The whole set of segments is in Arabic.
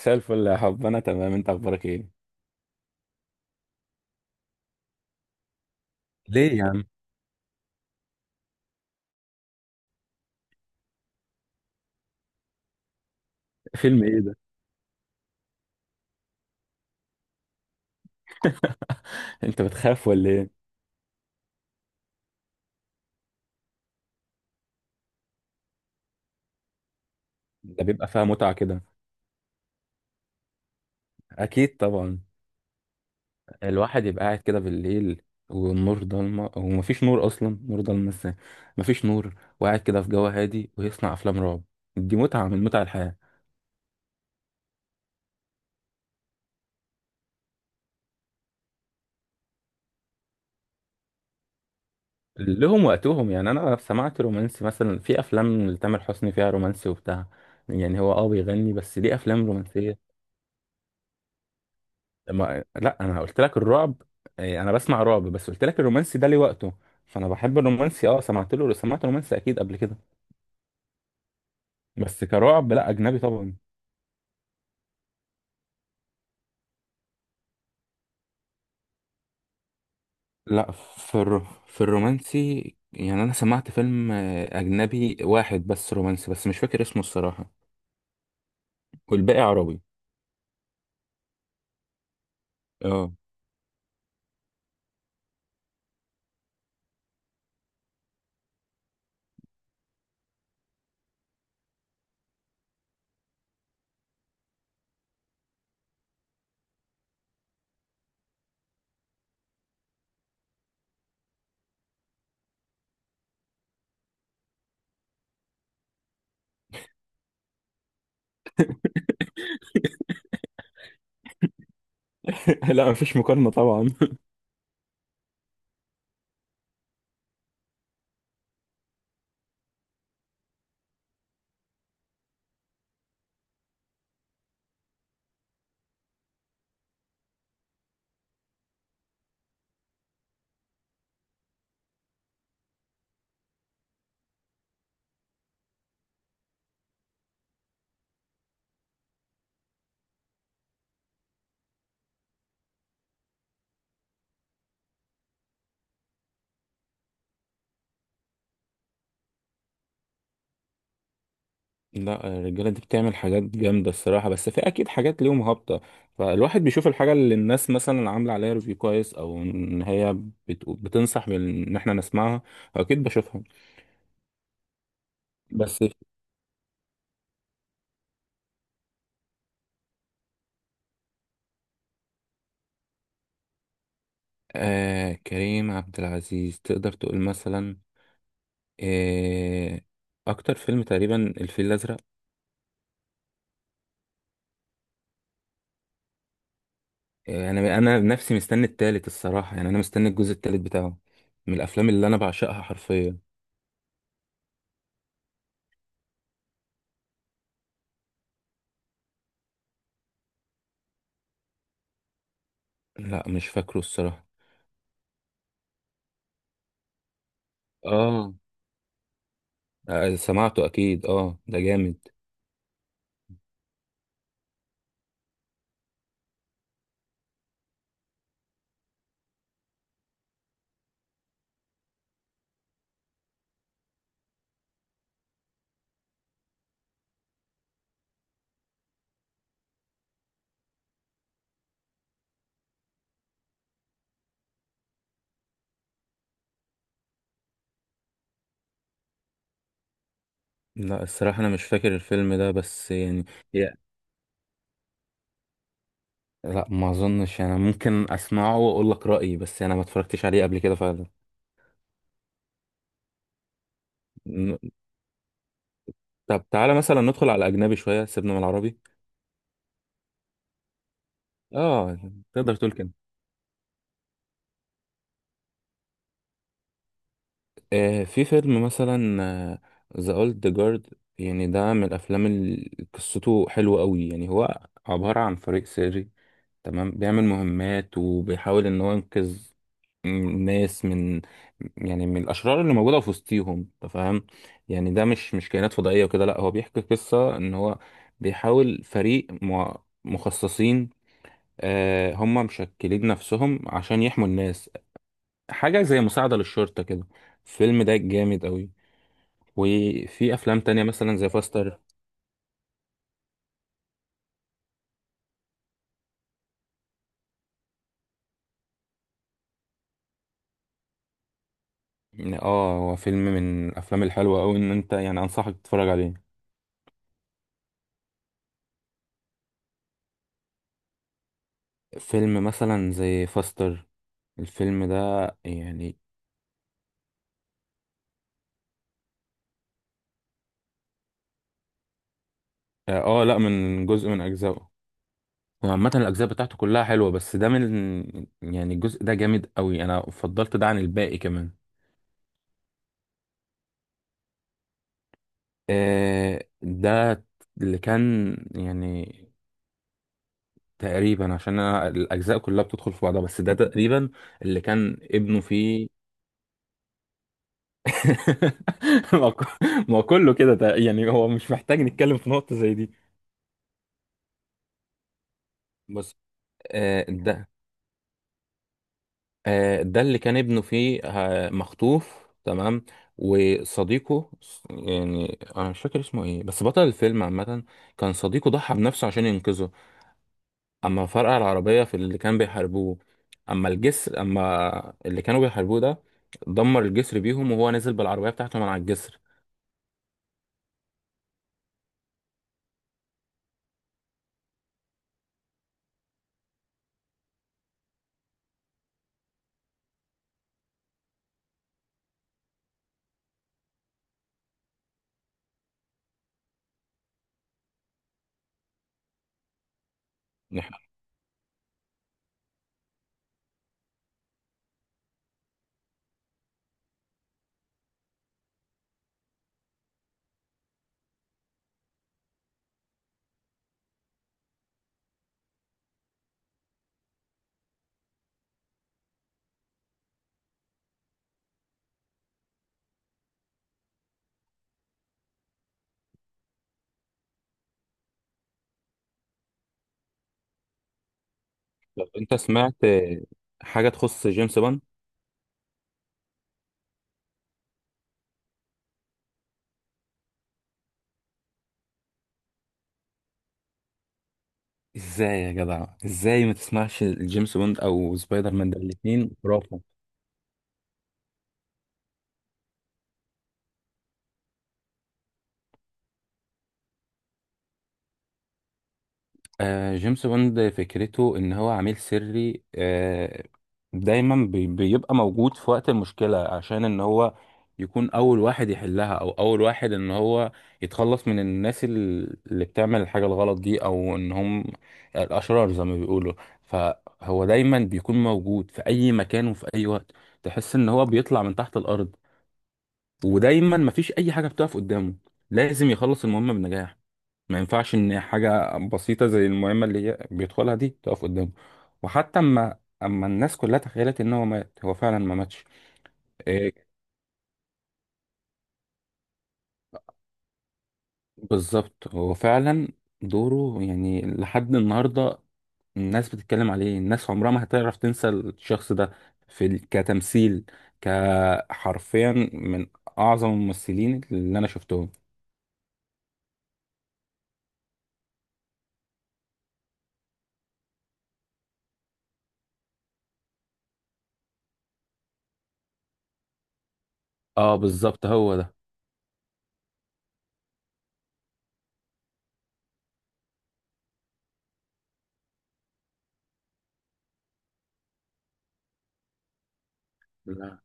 مساء الفل يا حب، انا تمام. انت اخبارك ايه؟ ليه يا عم؟ فيلم ايه ده؟ انت بتخاف ولا ايه؟ ده بيبقى فيها متعة كده. اكيد طبعا. الواحد يبقى قاعد كده بالليل والنور ضلمة، ومفيش نور. اصلا نور ضلمة ازاي؟ مفيش نور، وقاعد كده في جو هادي ويصنع افلام رعب. دي متعة من متع الحياة. لهم وقتهم. يعني انا سمعت رومانسي مثلا، في افلام لتامر حسني فيها رومانسي وبتاع. يعني هو بيغني، بس ليه افلام رومانسية؟ ما... لا، انا قلت لك الرعب. إيه، انا بسمع رعب. بس قلت لك الرومانسي ده ليه وقته. فانا بحب الرومانسي، اه، سمعت له. سمعت رومانسي اكيد قبل كده. بس كرعب، لا، اجنبي طبعا. لا. في الر... في الرومانسي. يعني انا سمعت فيلم اجنبي واحد، بس رومانسي، بس مش فاكر اسمه الصراحة. والباقي عربي. اه. لا، مفيش مقارنة طبعا. لا، الرجالة دي بتعمل حاجات جامدة الصراحة. بس في أكيد حاجات ليهم هابطة. فالواحد بيشوف الحاجة اللي الناس مثلا عاملة عليها ريفيو كويس، أو إن هي بتنصح إن إحنا نسمعها. أكيد بشوفها. بس... كريم عبد العزيز، تقدر تقول مثلا. آه أكتر فيلم تقريبا الفيل الأزرق. أنا نفسي مستني التالت الصراحة. يعني أنا مستني الجزء التالت بتاعه. من الأفلام اللي أنا بعشقها حرفيا. لا، مش فاكره الصراحة. اه، سمعته اكيد. اه، ده جامد. لا، الصراحة انا مش فاكر الفيلم ده، بس يعني... يا- لا، ما اظنش. انا ممكن اسمعه واقول لك رأيي، بس انا ما اتفرجتش عليه قبل كده فعلا. ن- طب تعالى مثلا ندخل على الاجنبي شوية، سيبنا من العربي. اه، تقدر تقول كده. في فيلم مثلا، ذا اولد جارد. يعني ده من الافلام اللي قصته حلوة قوي. يعني هو عبارة عن فريق سري تمام، بيعمل مهمات وبيحاول ان هو ينقذ الناس من، يعني من الاشرار اللي موجوده في وسطيهم، أنت فاهم؟ يعني ده مش كائنات فضائيه وكده. لا، هو بيحكي قصه ان هو بيحاول فريق مخصصين. هم مشكلين نفسهم عشان يحموا الناس. حاجه زي مساعده للشرطه كده. الفيلم ده جامد قوي. وفي افلام تانية مثلا زي فاستر. اه هو فيلم من الافلام الحلوه قوي، ان انت يعني انصحك تتفرج عليه. فيلم مثلا زي فاستر، الفيلم ده يعني لا، من جزء من اجزائه. وعامة الاجزاء بتاعته كلها حلوة. بس ده من، يعني الجزء ده جامد قوي. انا فضلت ده عن الباقي كمان. ده اللي كان، يعني تقريبا عشان انا الاجزاء كلها بتدخل في بعضها. بس ده تقريبا اللي كان ابنه فيه. ما هو كله كده. يعني هو مش محتاج نتكلم في نقطة زي دي. بص. آه، ده ده اللي كان ابنه فيه، مخطوف تمام. وصديقه، يعني انا مش فاكر اسمه ايه، بس بطل الفيلم عامة كان صديقه. ضحى بنفسه عشان ينقذه. اما فرقع العربية في اللي كان بيحاربوه. اما اللي كانوا بيحاربوه ده، دمر الجسر بيهم، وهو نزل بالعربية بتاعته من على الجسر. نح- لو انت سمعت حاجة تخص جيمس بوند. ازاي يا جدع؟ ازاي ما تسمعش جيمس بوند او سبايدر مان؟ ده الاتنين خرافة. جيمس بوند فكرته ان هو عميل سري. دايما بيبقى موجود في وقت المشكلة، عشان ان هو يكون اول واحد يحلها، او اول واحد ان هو يتخلص من الناس اللي بتعمل الحاجة الغلط دي، او ان هم الاشرار زي ما بيقولوا. فهو دايما بيكون موجود في اي مكان وفي اي وقت. تحس ان هو بيطلع من تحت الارض. ودايما مفيش اي حاجة بتقف قدامه، لازم يخلص المهمة بنجاح. ما ينفعش ان حاجه بسيطه زي المهمه اللي هي بيدخلها دي تقف قدامه. وحتى اما الناس كلها تخيلت ان هو مات، هو فعلا ما ماتش. إيه، بالظبط. هو فعلا دوره يعني لحد النهارده الناس بتتكلم عليه. الناس عمرها ما هتعرف تنسى الشخص ده. كتمثيل، كحرفيا من اعظم الممثلين اللي انا شفتهم. اه، بالظبط هو ده. لا.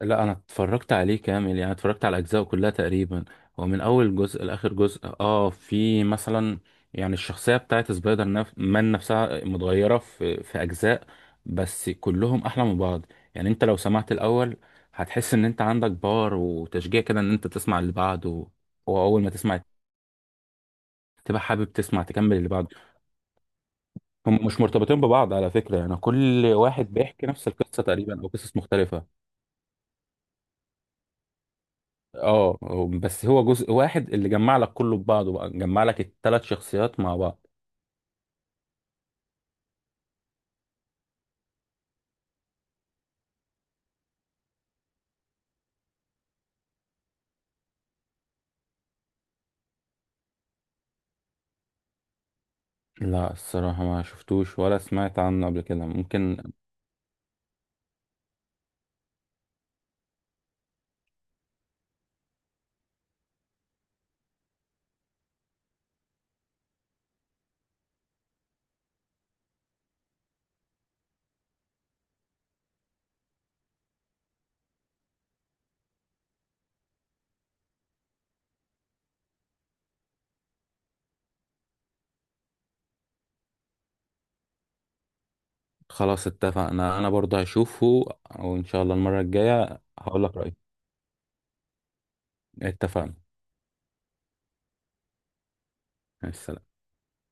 لا، انا اتفرجت عليه كامل. يعني اتفرجت على اجزائه كلها تقريبا. هو من اول جزء لاخر جزء. اه في مثلا يعني الشخصيه بتاعت سبايدر مان نفسها متغيره في اجزاء. بس كلهم احلى من بعض. يعني انت لو سمعت الاول، هتحس ان انت عندك باور وتشجيع كده ان انت تسمع اللي بعده. واول ما تسمع، تبقى حابب تسمع تكمل اللي بعده. هم مش مرتبطين ببعض على فكره. يعني كل واحد بيحكي نفس القصه تقريبا او قصص مختلفه. بس هو جزء واحد اللي جمع لك كله ببعضه بقى، جمع لك الثلاث شخصيات مع بعض. لا، الصراحة ما شفتوش ولا سمعت عنه قبل كده. ممكن. خلاص، اتفقنا. انا برضه هشوفه، وان شاء الله المرة الجاية هقول لك رأيي. اتفقنا. مع السلامة.